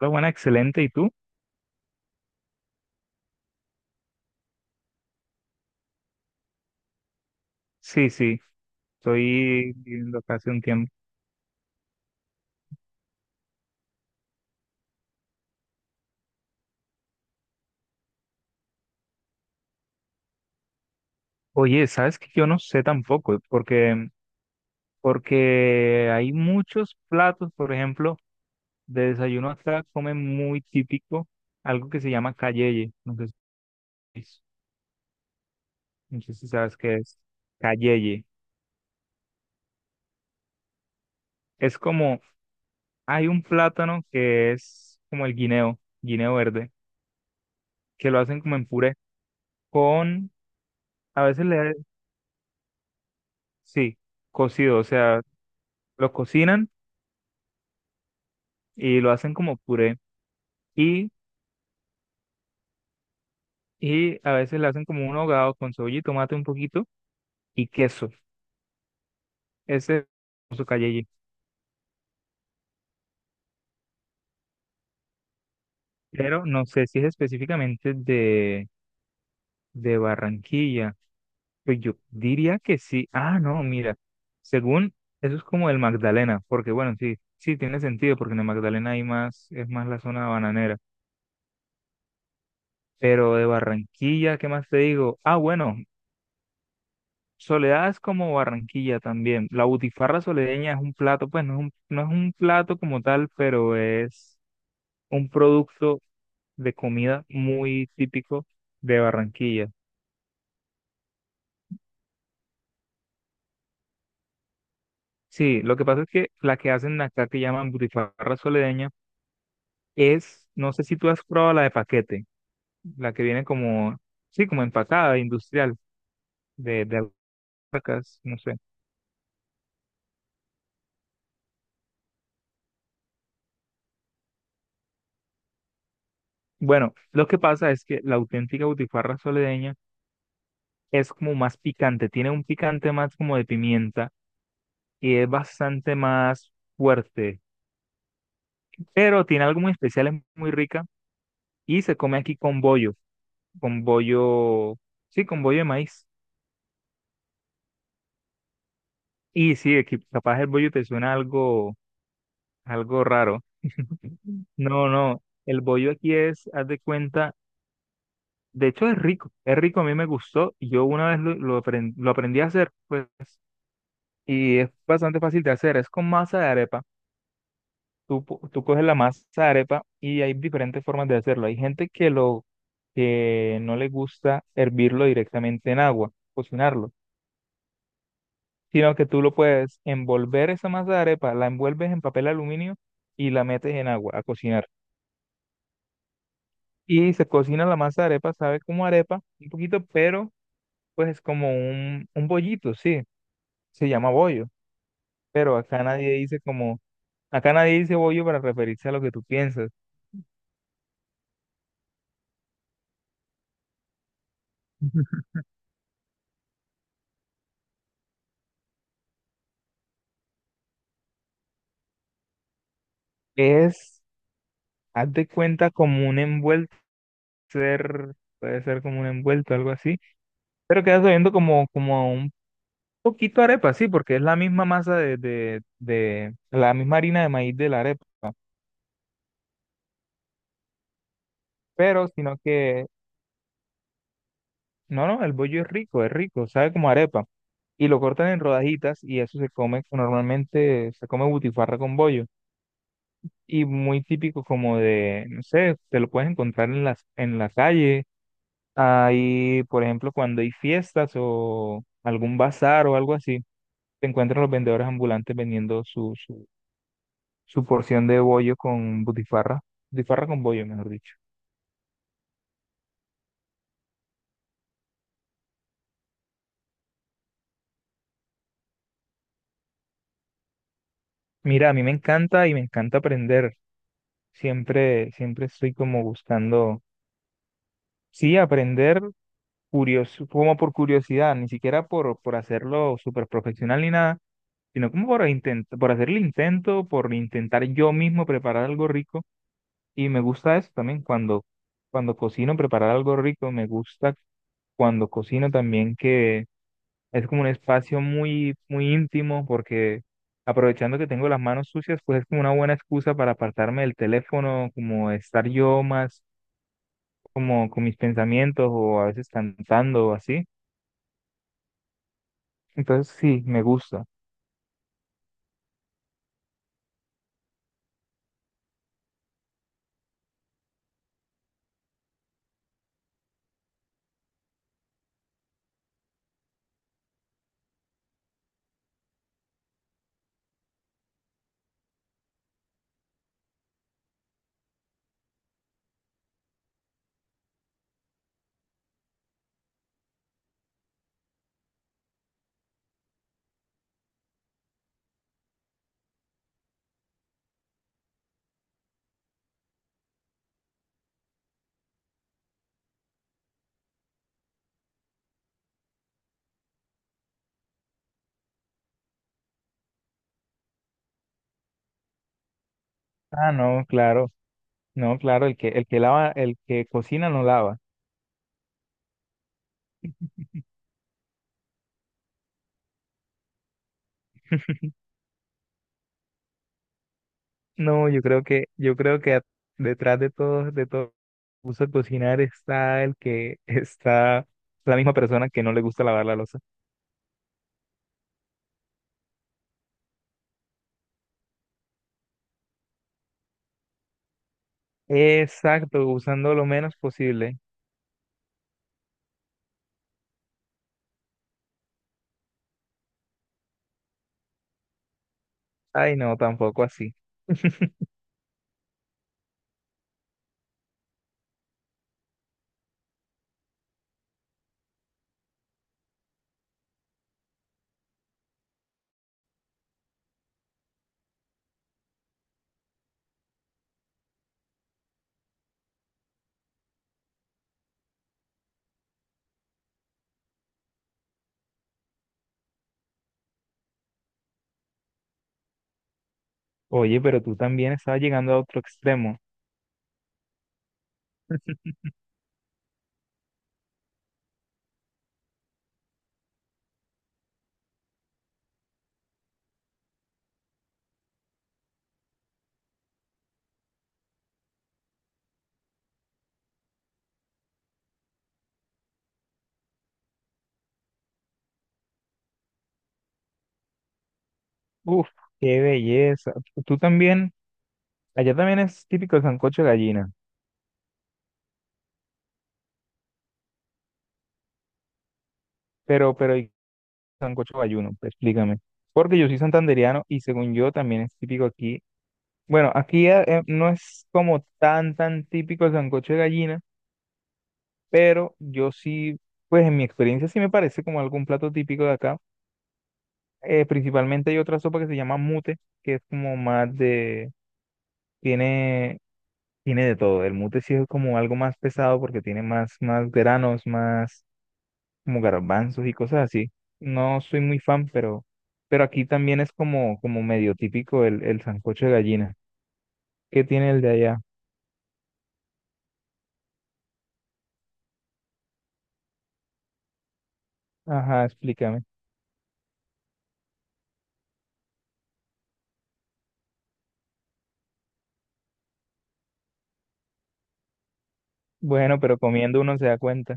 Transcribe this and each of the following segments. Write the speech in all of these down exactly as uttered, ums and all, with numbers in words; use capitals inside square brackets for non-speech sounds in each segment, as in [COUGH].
Hola, buena, excelente. ¿Y tú? Sí, sí, estoy viviendo acá hace un tiempo. Oye, ¿sabes que yo no sé tampoco? Porque, porque hay muchos platos, por ejemplo, de desayuno acá comen muy típico algo que se llama cayeye. No sé si, no sé si sabes qué es cayeye. Es como, hay un plátano que es como el guineo, guineo verde, que lo hacen como en puré, con, a veces le, sí, cocido, o sea, lo cocinan y lo hacen como puré y, y a veces le hacen como un ahogado con cebolla y tomate un poquito y queso. Ese es su cayeye. Pero no sé si es específicamente de, de Barranquilla. Pues yo diría que sí. Ah, no, mira. Según eso es como el Magdalena, porque bueno, sí, sí tiene sentido, porque en el Magdalena hay más, es más la zona bananera. Pero de Barranquilla, ¿qué más te digo? Ah, bueno, Soledad es como Barranquilla también. La butifarra soledeña es un plato, pues no es un, no es un plato como tal, pero es un producto de comida muy típico de Barranquilla. Sí, lo que pasa es que la que hacen acá que llaman butifarra soledeña es, no sé si tú has probado la de paquete, la que viene como, sí, como empacada, industrial, de, de alpacas, no sé. Bueno, lo que pasa es que la auténtica butifarra soledeña es como más picante, tiene un picante más como de pimienta y es bastante más fuerte, pero tiene algo muy especial, es muy rica y se come aquí con bollo, con bollo, sí, con bollo de maíz. Y sí, aquí capaz el bollo te suena algo, algo raro. [LAUGHS] No, no, el bollo aquí es, haz de cuenta, de hecho es rico, es rico, a mí me gustó, y yo una vez lo, lo, apren- lo aprendí a hacer, pues, y es bastante fácil de hacer, es con masa de arepa. Tú, po- tú coges la masa de arepa y hay diferentes formas de hacerlo. Hay gente que lo que no le gusta hervirlo directamente en agua, cocinarlo, sino que tú lo puedes envolver esa masa de arepa, la envuelves en papel aluminio y la metes en agua a cocinar. Y se cocina la masa de arepa, sabe como arepa, un poquito, pero pues es como un, un bollito, sí, se llama bollo, pero acá nadie dice como, acá nadie dice bollo para referirse a lo que tú piensas. [LAUGHS] Es, haz de cuenta, como un envuelto ser, puede ser como un envuelto, algo así, pero queda sabiendo como, como a un poquito arepa, sí, porque es la misma masa de, de, de, la misma harina de maíz de la arepa, pero sino que, no, no, el bollo es rico, es rico, sabe como arepa, y lo cortan en rodajitas y eso se come, normalmente se come butifarra con bollo, y muy típico como de, no sé, te lo puedes encontrar en las, en la calle, ahí, por ejemplo, cuando hay fiestas o algún bazar o algo así. Se encuentran los vendedores ambulantes vendiendo su, su, su porción de bollo con butifarra, butifarra con bollo, mejor dicho. Mira, a mí me encanta y me encanta aprender. Siempre, siempre estoy como buscando, sí, aprender curioso, como por curiosidad, ni siquiera por, por hacerlo súper profesional ni nada, sino como por intento, por hacer el intento, por intentar yo mismo preparar algo rico. Y me gusta eso también cuando, cuando cocino, preparar algo rico, me gusta cuando cocino también que Es como un espacio muy, muy íntimo porque aprovechando que tengo las manos sucias, pues es como una buena excusa para apartarme del teléfono, como estar yo más como con mis pensamientos o a veces cantando o así. Entonces sí, me gusta. Ah, no, claro. No, claro, el que, el que lava, el que cocina no lava. No, yo creo que, yo creo que a- detrás de todo, de todo, uso de cocinar está el que [LAUGHS] está la misma persona que no le gusta lavar la loza. Exacto, usando lo menos posible. Ay, no, tampoco así. [LAUGHS] Oye, pero tú también estabas llegando a otro extremo. Uf, qué belleza. Tú también, allá también es típico el sancocho de gallina, pero, pero el sancocho bayuno, explícame. Porque yo soy santandereano y según yo también es típico aquí. Bueno, aquí eh, eh, no es como tan, tan típico el sancocho de gallina, pero yo sí, pues en mi experiencia sí me parece como algún plato típico de acá. Eh, principalmente hay otra sopa que se llama mute, que es como más de, tiene, tiene de todo. El mute sí es como algo más pesado porque tiene más, más granos, más como garbanzos y cosas así. No soy muy fan, pero, pero aquí también es como, como medio típico el, el sancocho de gallina. ¿Qué tiene el de allá? Ajá, explícame. Bueno, pero comiendo uno se da cuenta.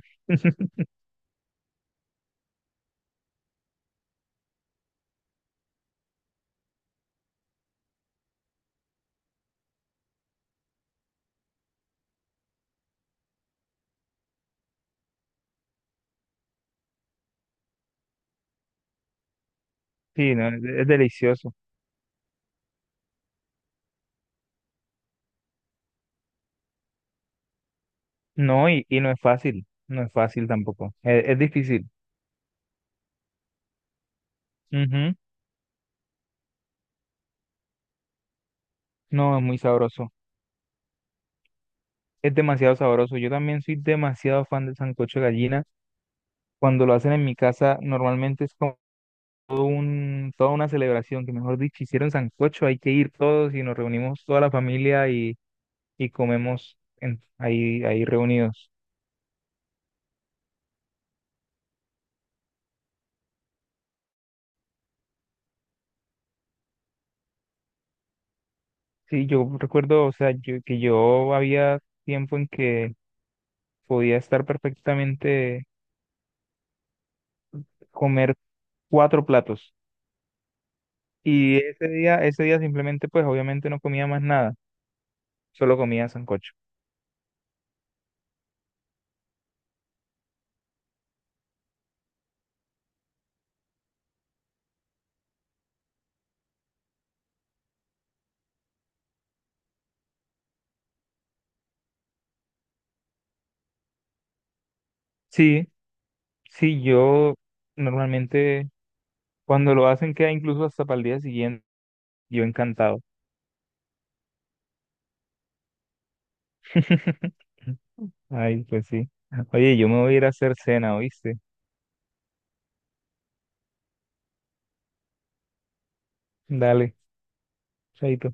Sí, no, es, es delicioso. No, y, y no es fácil, no es fácil tampoco. Es, es difícil. Ujú. No, es muy sabroso. Es demasiado sabroso. Yo también soy demasiado fan del sancocho de gallina. Cuando lo hacen en mi casa, normalmente es como todo un, toda una celebración, que mejor dicho, hicieron sancocho, hay que ir todos y nos reunimos toda la familia y, y comemos en- ahí, ahí reunidos. Sí, yo recuerdo, o sea, yo- que yo había tiempo en que podía estar perfectamente comer cuatro platos. Y ese día, ese día simplemente, pues obviamente no comía más nada, solo comía sancocho. Sí, Sí, yo normalmente cuando lo hacen queda incluso hasta para el día siguiente, yo encantado. [LAUGHS] Ay, pues sí. Oye, yo me voy a ir a hacer cena, ¿oíste? Dale, chaito.